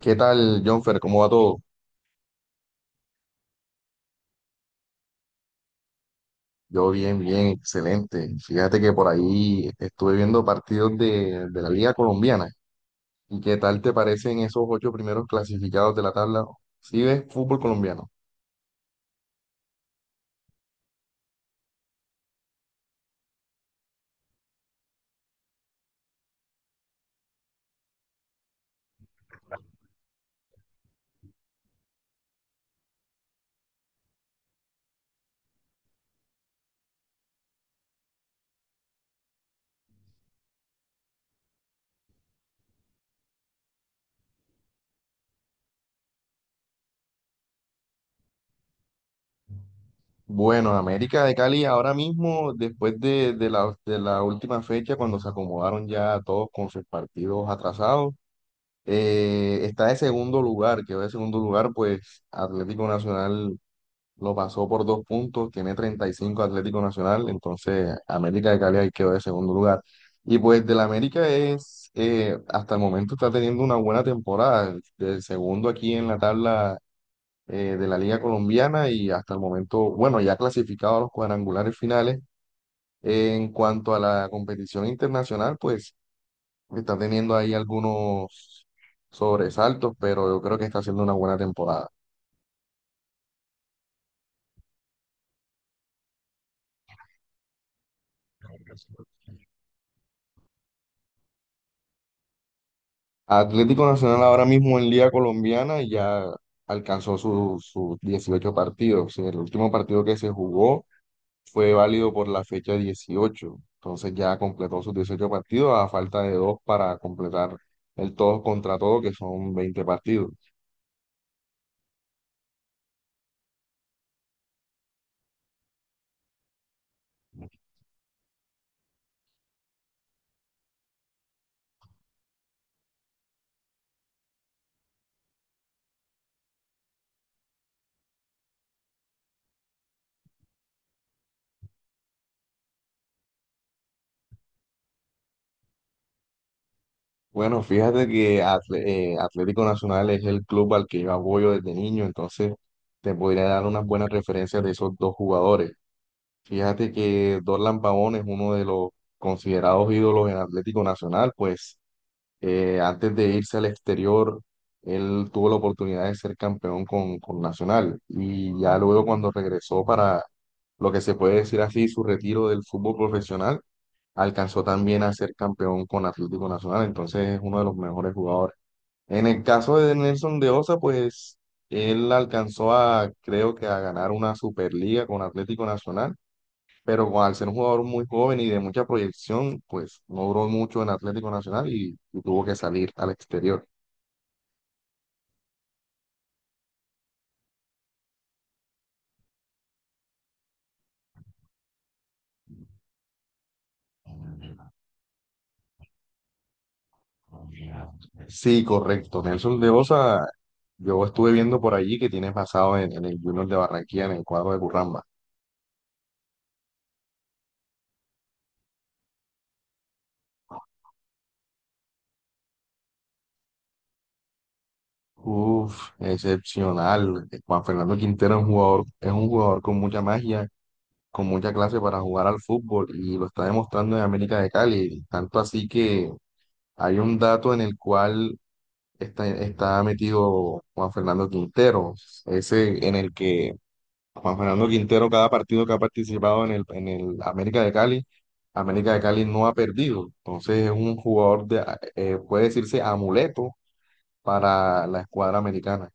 ¿Qué tal, Jonfer? ¿Cómo va todo? Yo bien, bien, excelente. Fíjate que por ahí estuve viendo partidos de la Liga Colombiana. ¿Y qué tal te parecen esos 8 primeros clasificados de la tabla? ¿Sí ves fútbol colombiano? Bueno, América de Cali ahora mismo, después de la última fecha, cuando se acomodaron ya todos con sus partidos atrasados, está de segundo lugar, quedó de segundo lugar, pues Atlético Nacional lo pasó por 2 puntos, tiene 35 Atlético Nacional, entonces América de Cali ahí quedó de segundo lugar. Y pues del América es, hasta el momento está teniendo una buena temporada, el segundo aquí en la tabla de la Liga Colombiana y hasta el momento, bueno, ya clasificado a los cuadrangulares finales. En cuanto a la competición internacional, pues está teniendo ahí algunos sobresaltos, pero yo creo que está haciendo una buena temporada. Atlético Nacional ahora mismo en Liga Colombiana ya alcanzó sus 18 partidos. El último partido que se jugó fue válido por la fecha 18. Entonces ya completó sus 18 partidos a falta de 2 para completar el todos contra todo, que son 20 partidos. Bueno, fíjate que Atlético Nacional es el club al que yo apoyo desde niño, entonces te podría dar unas buenas referencias de esos 2 jugadores. Fíjate que Dorlan Pavón es uno de los considerados ídolos en Atlético Nacional, pues antes de irse al exterior, él tuvo la oportunidad de ser campeón con Nacional y ya luego cuando regresó para lo que se puede decir así, su retiro del fútbol profesional, alcanzó también a ser campeón con Atlético Nacional, entonces es uno de los mejores jugadores. En el caso de Nelson de Osa, pues él alcanzó a, creo que a ganar una Superliga con Atlético Nacional pero al ser un jugador muy joven y de mucha proyección, pues no duró mucho en Atlético Nacional y tuvo que salir al exterior. Sí, correcto. Nelson de Osa, yo estuve viendo por allí que tiene pasado en el Junior de Barranquilla, en el cuadro de Curramba. Uf, excepcional. Juan Fernando Quintero es un jugador con mucha magia, con mucha clase para jugar al fútbol y lo está demostrando en América de Cali. Tanto así que hay un dato en el cual está metido Juan Fernando Quintero, ese en el que Juan Fernando Quintero, cada partido que ha participado en el América de Cali no ha perdido. Entonces es un jugador de, puede decirse amuleto para la escuadra americana.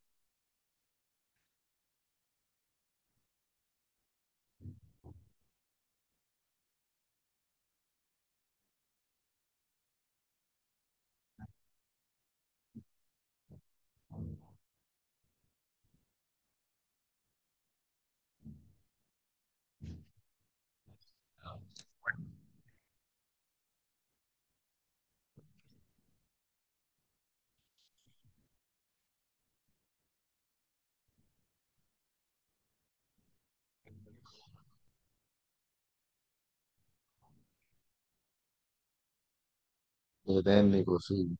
De técnico, sí.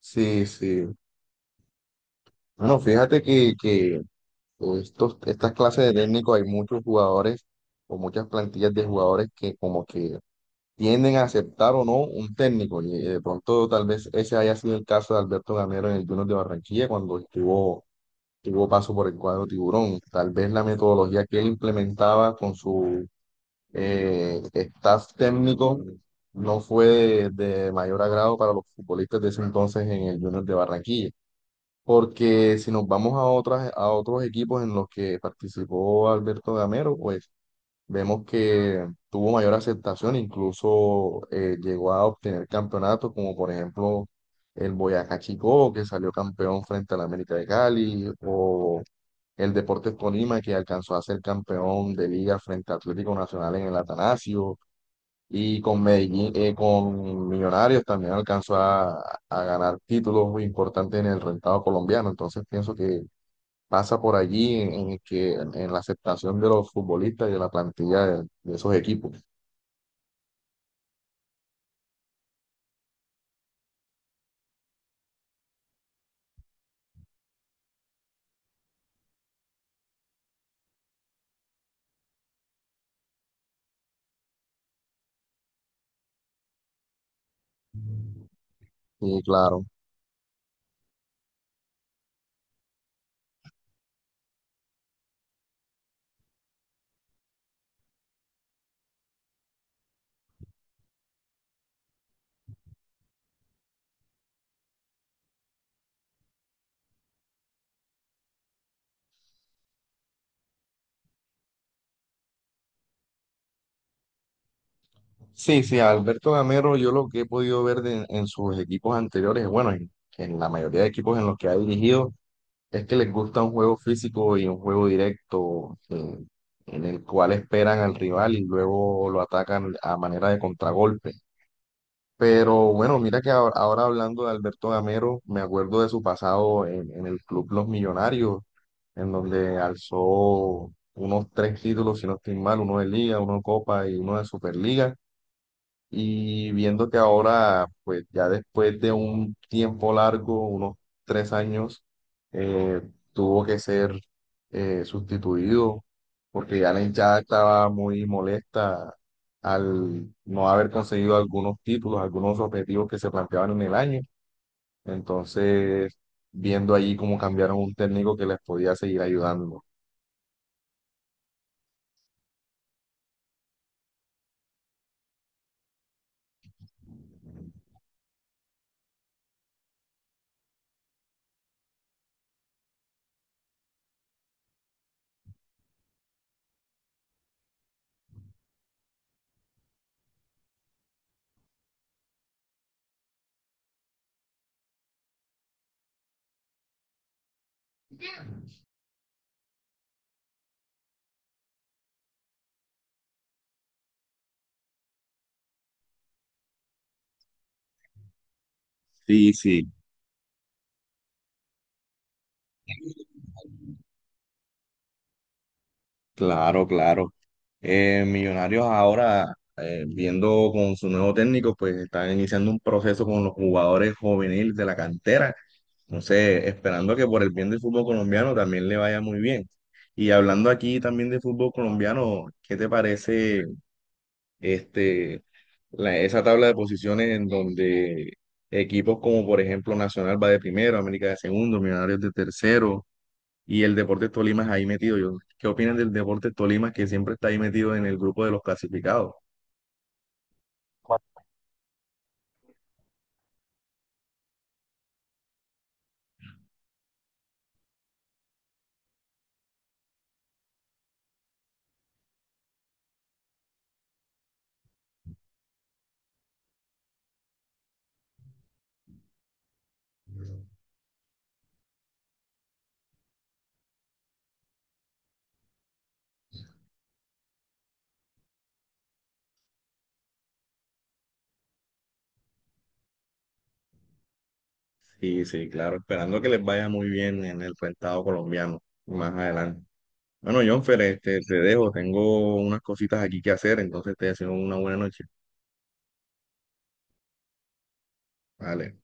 Sí, sí. Bueno, fíjate que estas clases de técnicos hay muchos jugadores o muchas plantillas de jugadores que como que tienden a aceptar o no un técnico. Y de pronto tal vez ese haya sido el caso de Alberto Gamero en el Junior de Barranquilla cuando estuvo, tuvo paso por el cuadro Tiburón. Tal vez la metodología que él implementaba con su staff técnico no fue de mayor agrado para los futbolistas de ese entonces en el Junior de Barranquilla. Porque si nos vamos a otros equipos en los que participó Alberto Gamero, pues vemos que tuvo mayor aceptación, incluso llegó a obtener campeonatos, como por ejemplo el Boyacá Chicó, que salió campeón frente al América de Cali, o el Deportes Tolima, que alcanzó a ser campeón de liga frente a Atlético Nacional en el Atanasio, y con Medellín, con Millonarios también alcanzó a ganar títulos muy importantes en el rentado colombiano. Entonces pienso que pasa por allí en la aceptación de los futbolistas y de la plantilla de esos equipos. Sí, claro. Sí, sí, a Alberto Gamero, yo lo que he podido ver en sus equipos anteriores, bueno, en la mayoría de equipos en los que ha dirigido, es que les gusta un juego físico y un juego directo en el cual esperan al rival y luego lo atacan a manera de contragolpe. Pero bueno, mira que ahora hablando de Alberto Gamero, me acuerdo de su pasado en el club Los Millonarios, en donde alzó unos 3 títulos, si no estoy mal, uno de Liga, uno de Copa y uno de Superliga. Y viendo que ahora, pues ya después de un tiempo largo, unos 3 años, eh, tuvo que ser sustituido porque ya la hinchada estaba muy molesta al no haber conseguido algunos títulos, algunos objetivos que se planteaban en el año. Entonces, viendo allí cómo cambiaron un técnico que les podía seguir ayudando. Sí, sí, claro, claro. Millonarios ahora, viendo con su nuevo técnico, pues están iniciando un proceso con los jugadores juveniles de la cantera. Entonces, esperando que por el bien del fútbol colombiano también le vaya muy bien. Y hablando aquí también de fútbol colombiano, ¿qué te parece este, esa tabla de posiciones en donde equipos como por ejemplo Nacional va de primero, América de segundo, Millonarios de tercero? Y el Deportes Tolima es ahí metido. Yo, ¿qué opinan del Deportes Tolima que siempre está ahí metido en el grupo de los clasificados? Sí, sí, claro, esperando que les vaya muy bien en el rentado colombiano más adelante. Bueno, Jonfer, este, te dejo, tengo unas cositas aquí que hacer, entonces te deseo una buena noche. Vale.